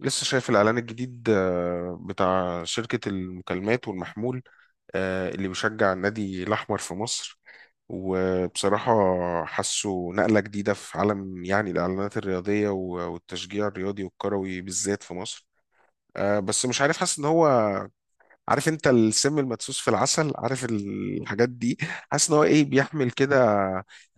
لسه شايف الإعلان الجديد، بتاع شركة المكالمات والمحمول، اللي بيشجع النادي الأحمر في مصر. وبصراحة حاسه نقلة جديدة في عالم، يعني الإعلانات الرياضية والتشجيع الرياضي والكروي بالذات في مصر. بس مش عارف، حاسس إن هو، عارف انت، السم المدسوس في العسل، عارف الحاجات دي. حاسس ان هو ايه، بيحمل كده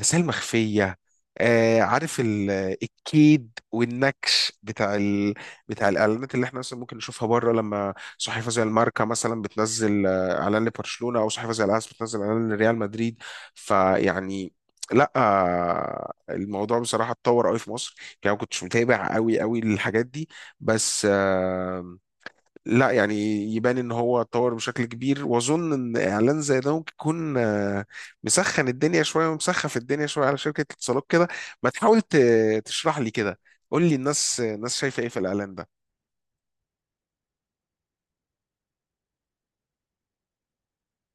رسائل مخفية. عارف الكيد والنكش بتاع بتاع الاعلانات اللي احنا مثلا ممكن نشوفها بره، لما صحيفه زي الماركا مثلا بتنزل، اعلان لبرشلونه، او صحيفه زي الاس بتنزل اعلان لريال مدريد. فيعني، لا الموضوع بصراحه اتطور قوي في مصر. يعني ما كنتش متابع قوي قوي للحاجات دي، بس لا يعني يبان ان هو اتطور بشكل كبير، واظن ان اعلان زي ده ممكن يكون مسخن الدنيا شويه ومسخف الدنيا شويه على شركه الاتصالات كده. ما تحاول تشرح لي كده، قول لي، الناس شايفه ايه في الاعلان ده؟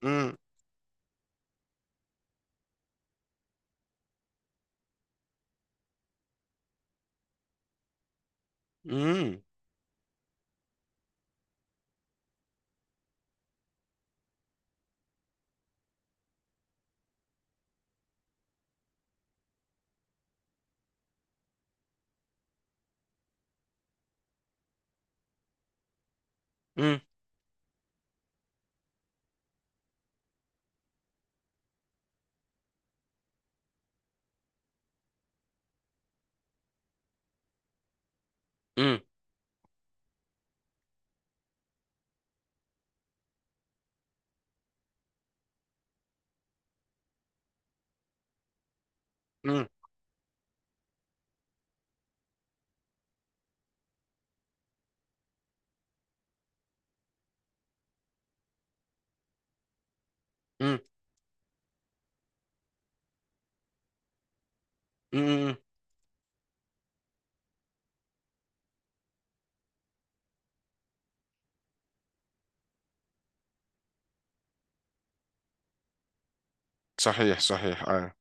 مم. مم. مم. مم. مم. مم. مم. صحيح صحيح، اه.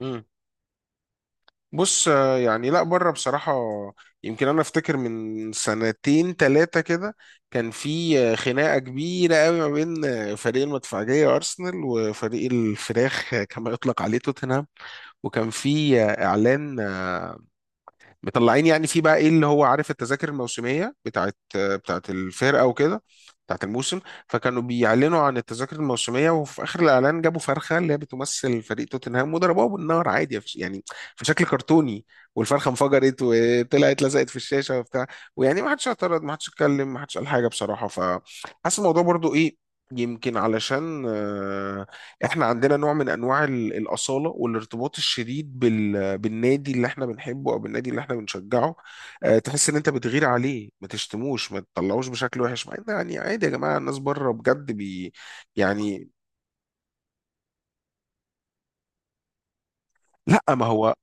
مم. بص، يعني لا بره بصراحة، يمكن أنا أفتكر من سنتين تلاتة كده كان في خناقة كبيرة قوي ما بين فريق المدفعجية أرسنال وفريق الفراخ، كما يطلق عليه، توتنهام. وكان في إعلان، مطلعين يعني في بقى ايه، اللي هو عارف، التذاكر الموسميه بتاعت الفرقه وكده، بتاعت الموسم. فكانوا بيعلنوا عن التذاكر الموسميه، وفي اخر الاعلان جابوا فرخه اللي هي بتمثل فريق توتنهام وضربوها بالنار عادي، يعني في شكل كرتوني، والفرخه انفجرت وطلعت لزقت في الشاشه وبتاع. ويعني ما حدش اعترض، ما حدش اتكلم، ما حدش قال حاجه بصراحه. فحاسس الموضوع برضو ايه، يمكن علشان احنا عندنا نوع من انواع الاصاله والارتباط الشديد بالنادي اللي احنا بنحبه، او بالنادي اللي احنا بنشجعه. أه، تحس ان انت بتغير عليه، ما تشتموش، ما تطلعوش بشكل وحش. مع ان يعني عادي يا جماعه، الناس بره بجد بي، يعني لا ما هو،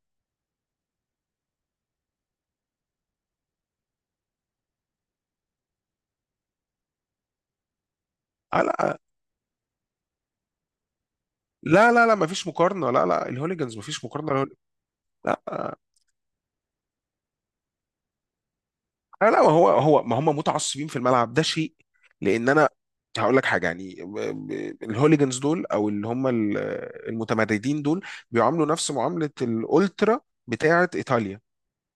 آه لا لا لا. ما فيش مقارنه، لا لا، الهوليجانز ما فيش مقارنه. لا لا لا، ما هو، هو ما هم متعصبين في الملعب، ده شيء. لان انا هقول لك حاجه، يعني الهوليجنز دول، او اللي هم المتمردين دول، بيعاملوا نفس معامله الالترا بتاعه ايطاليا.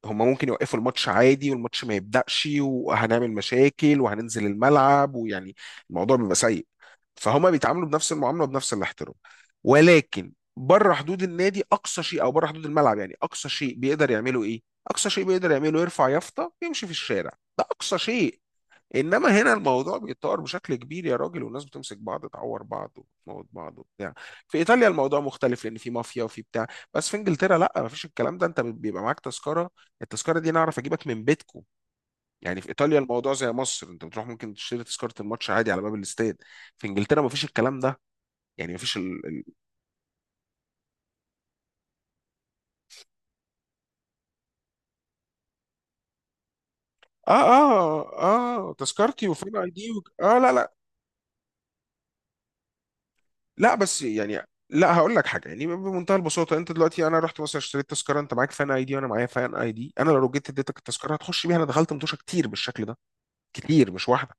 هم ممكن يوقفوا الماتش عادي، والماتش ما يبدأش، وهنعمل مشاكل، وهننزل الملعب، ويعني الموضوع بيبقى سيء. فهما بيتعاملوا بنفس المعامله وبنفس الاحترام. ولكن بره حدود النادي، اقصى شيء، او بره حدود الملعب، يعني اقصى شيء بيقدر يعمله ايه؟ اقصى شيء بيقدر يعمله، يرفع يافطه ويمشي في الشارع. ده اقصى شيء. انما هنا الموضوع بيتطور بشكل كبير يا راجل، والناس بتمسك بعض، تعور بعض، وتموت بعض وبتاع. في ايطاليا الموضوع مختلف، لان في مافيا وفي بتاع. بس في انجلترا لا، مفيش الكلام ده. انت بيبقى معاك تذكره. التذكره دي انا اعرف اجيبك من بيتكو. يعني في ايطاليا الموضوع زي مصر، انت بتروح ممكن تشتري تذكره الماتش عادي على باب الاستاد. في انجلترا مفيش الكلام ده، يعني مفيش اه اه اه، تذكرتي، وفين اي دي، اه لا لا. لا بس يعني، لا هقول لك حاجه، يعني بمنتهى البساطه، انت دلوقتي، انا رحت مثلا اشتريت تذكره، انت معاك فان اي دي، وانا معايا فان اي دي. انا لو جيت اديتك التذكره، هتخش بيها. انا دخلت متوشه كتير بالشكل ده، كتير مش واحده.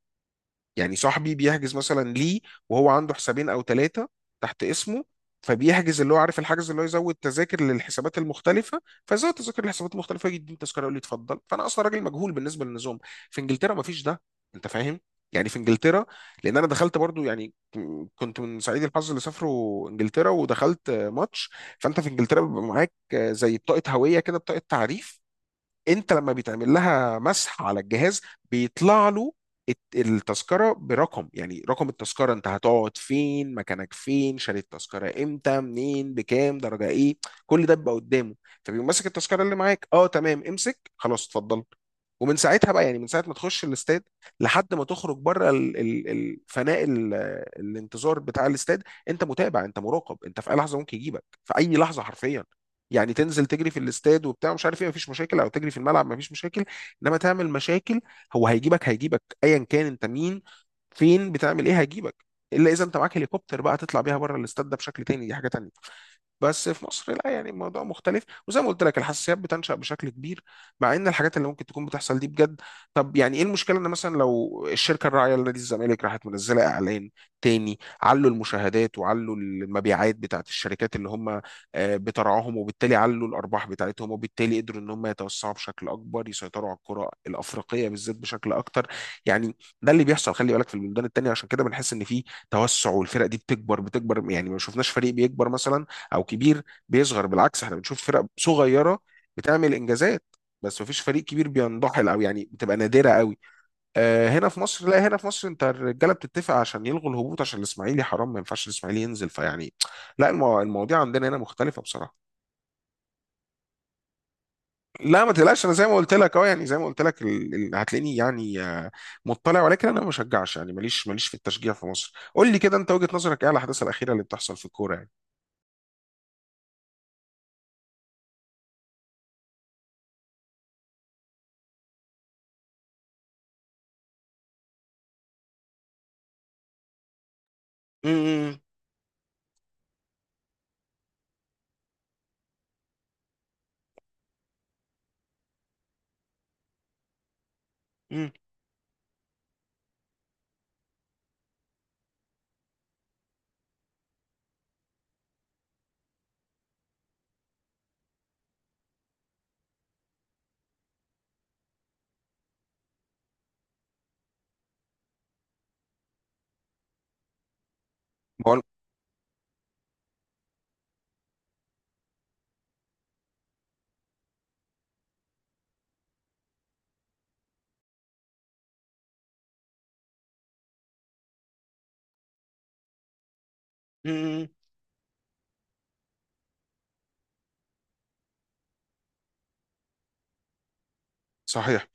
يعني صاحبي بيحجز مثلا ليه، وهو عنده حسابين او ثلاثه تحت اسمه. فبيحجز اللي هو، عارف الحجز، اللي هو يزود تذاكر للحسابات المختلفه. فزود تذاكر للحسابات المختلفه، يجي يديني تذكره، يقول لي اتفضل. فانا اصلا راجل مجهول بالنسبه للنظام. في انجلترا ما فيش ده. انت فاهم؟ يعني في انجلترا، لان انا دخلت برضو، يعني كنت من سعيد الحظ اللي سافروا انجلترا ودخلت ماتش. فانت في انجلترا بيبقى معاك زي بطاقه هويه كده، بطاقه تعريف. انت لما بيتعمل لها مسح على الجهاز، بيطلع له التذكره برقم، يعني رقم التذكره، انت هتقعد فين، مكانك فين، شاري التذكره امتى، منين، بكام، درجه ايه. كل ده بيبقى قدامه. فبيقوم ماسك التذكره اللي معاك، اه تمام امسك، خلاص اتفضل. ومن ساعتها بقى، يعني من ساعه ما تخش الاستاد لحد ما تخرج بره الفناء، الانتظار بتاع الاستاد، انت متابع، انت مراقب، انت في اي لحظه ممكن يجيبك، في اي لحظه حرفيا. يعني تنزل تجري في الاستاد وبتاع مش عارف ايه، مفيش مشاكل. او تجري في الملعب، مفيش مشاكل. انما تعمل مشاكل، هو هيجيبك، هيجيبك ايا كان انت مين، فين، بتعمل ايه، هيجيبك. الا اذا انت معاك هليكوبتر بقى، تطلع بيها بره الاستاد، ده بشكل تاني، دي حاجه تانيه. بس في مصر لا، يعني الموضوع مختلف، وزي ما قلت لك الحساسيات بتنشأ بشكل كبير، مع ان الحاجات اللي ممكن تكون بتحصل دي بجد. طب يعني ايه المشكله ان مثلا لو الشركه الراعيه لنادي الزمالك راحت منزله اعلان تاني؟ علوا المشاهدات، وعلوا المبيعات بتاعت الشركات اللي هم بترعاهم، وبالتالي علوا الارباح بتاعتهم، وبالتالي قدروا ان هم يتوسعوا بشكل اكبر، يسيطروا على الكره الافريقيه بالذات بشكل اكتر يعني. ده اللي بيحصل، خلي بالك، في البلدان التانيه. عشان كده بنحس ان في توسع، والفرق دي بتكبر بتكبر. يعني ما شفناش فريق بيكبر مثلا، او كبير بيصغر. بالعكس احنا بنشوف فرق صغيره بتعمل انجازات، بس مفيش فريق كبير بينضحل، او يعني بتبقى نادره قوي. آه، هنا في مصر لا، هنا في مصر انت الرجاله بتتفق عشان يلغوا الهبوط، عشان الاسماعيلي حرام، ما ينفعش الاسماعيلي ينزل. فيعني لا، المواضيع عندنا هنا مختلفه بصراحه. لا ما تقلقش، انا زي ما قلت لك اه، يعني زي ما قلت لك هتلاقيني يعني مطلع، ولكن انا ما بشجعش يعني. ماليش في التشجيع في مصر. قول لي كده، انت وجهه نظرك ايه على الاحداث الاخيره اللي بتحصل في الكوره يعني؟ امم امم مم. بقول. مم. صحيح.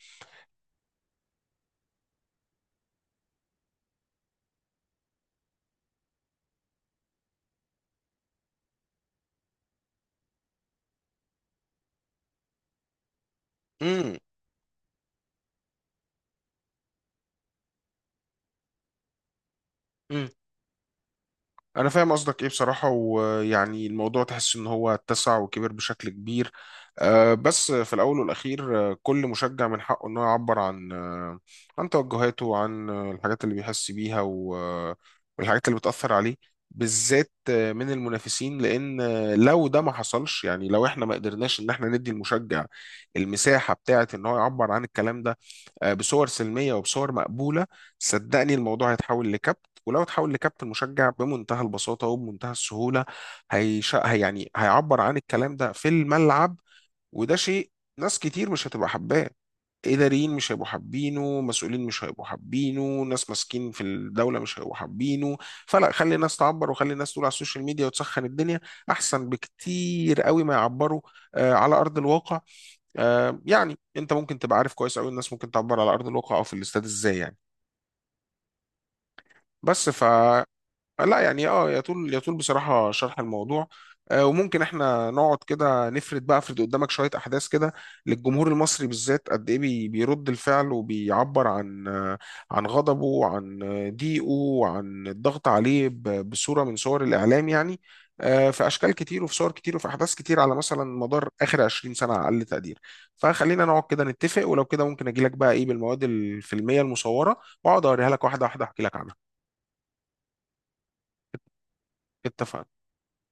مم. انا فاهم قصدك ايه بصراحه. ويعني الموضوع تحس ان هو اتسع وكبر بشكل كبير. بس في الاول والاخير، كل مشجع من حقه انه يعبر عن عن توجهاته، وعن الحاجات اللي بيحس بيها، والحاجات اللي بتاثر عليه، بالذات من المنافسين. لان لو ده ما حصلش، يعني لو احنا ما قدرناش ان احنا ندي المشجع المساحه بتاعه ان هو يعبر عن الكلام ده بصور سلميه وبصور مقبوله، صدقني الموضوع هيتحول لكبت. ولو تحاول لكابت المشجع بمنتهى البساطة وبمنتهى السهولة، هي يعني هيعبر عن الكلام ده في الملعب. وده شيء ناس كتير مش هتبقى حباه، إداريين مش هيبقوا حابينه، مسؤولين مش هيبقوا حابينه، ناس ماسكين في الدولة مش هيبقوا حابينه. فلا، خلي الناس تعبر، وخلي الناس تقول على السوشيال ميديا وتسخن الدنيا، أحسن بكتير قوي ما يعبروا على أرض الواقع. آه يعني، أنت ممكن تبقى عارف كويس قوي الناس ممكن تعبر على أرض الواقع أو في الاستاد إزاي يعني. بس ف لا يعني اه، يطول يطول بصراحة شرح الموضوع. وممكن احنا نقعد كده نفرد، بقى افرد قدامك شوية احداث كده، للجمهور المصري بالذات، قد ايه بيرد الفعل وبيعبر عن عن غضبه، وعن ضيقه، وعن الضغط عليه بصورة من صور الاعلام يعني. في اشكال كتير، وفي صور كتير، وفي احداث كتير، على مثلا مدار اخر 20 سنة على اقل تقدير. فخلينا نقعد كده نتفق، ولو كده ممكن اجي لك بقى ايه بالمواد الفيلمية المصورة، واقعد اوريها لك واحدة واحدة، احكي لك عنها. اتفقنا.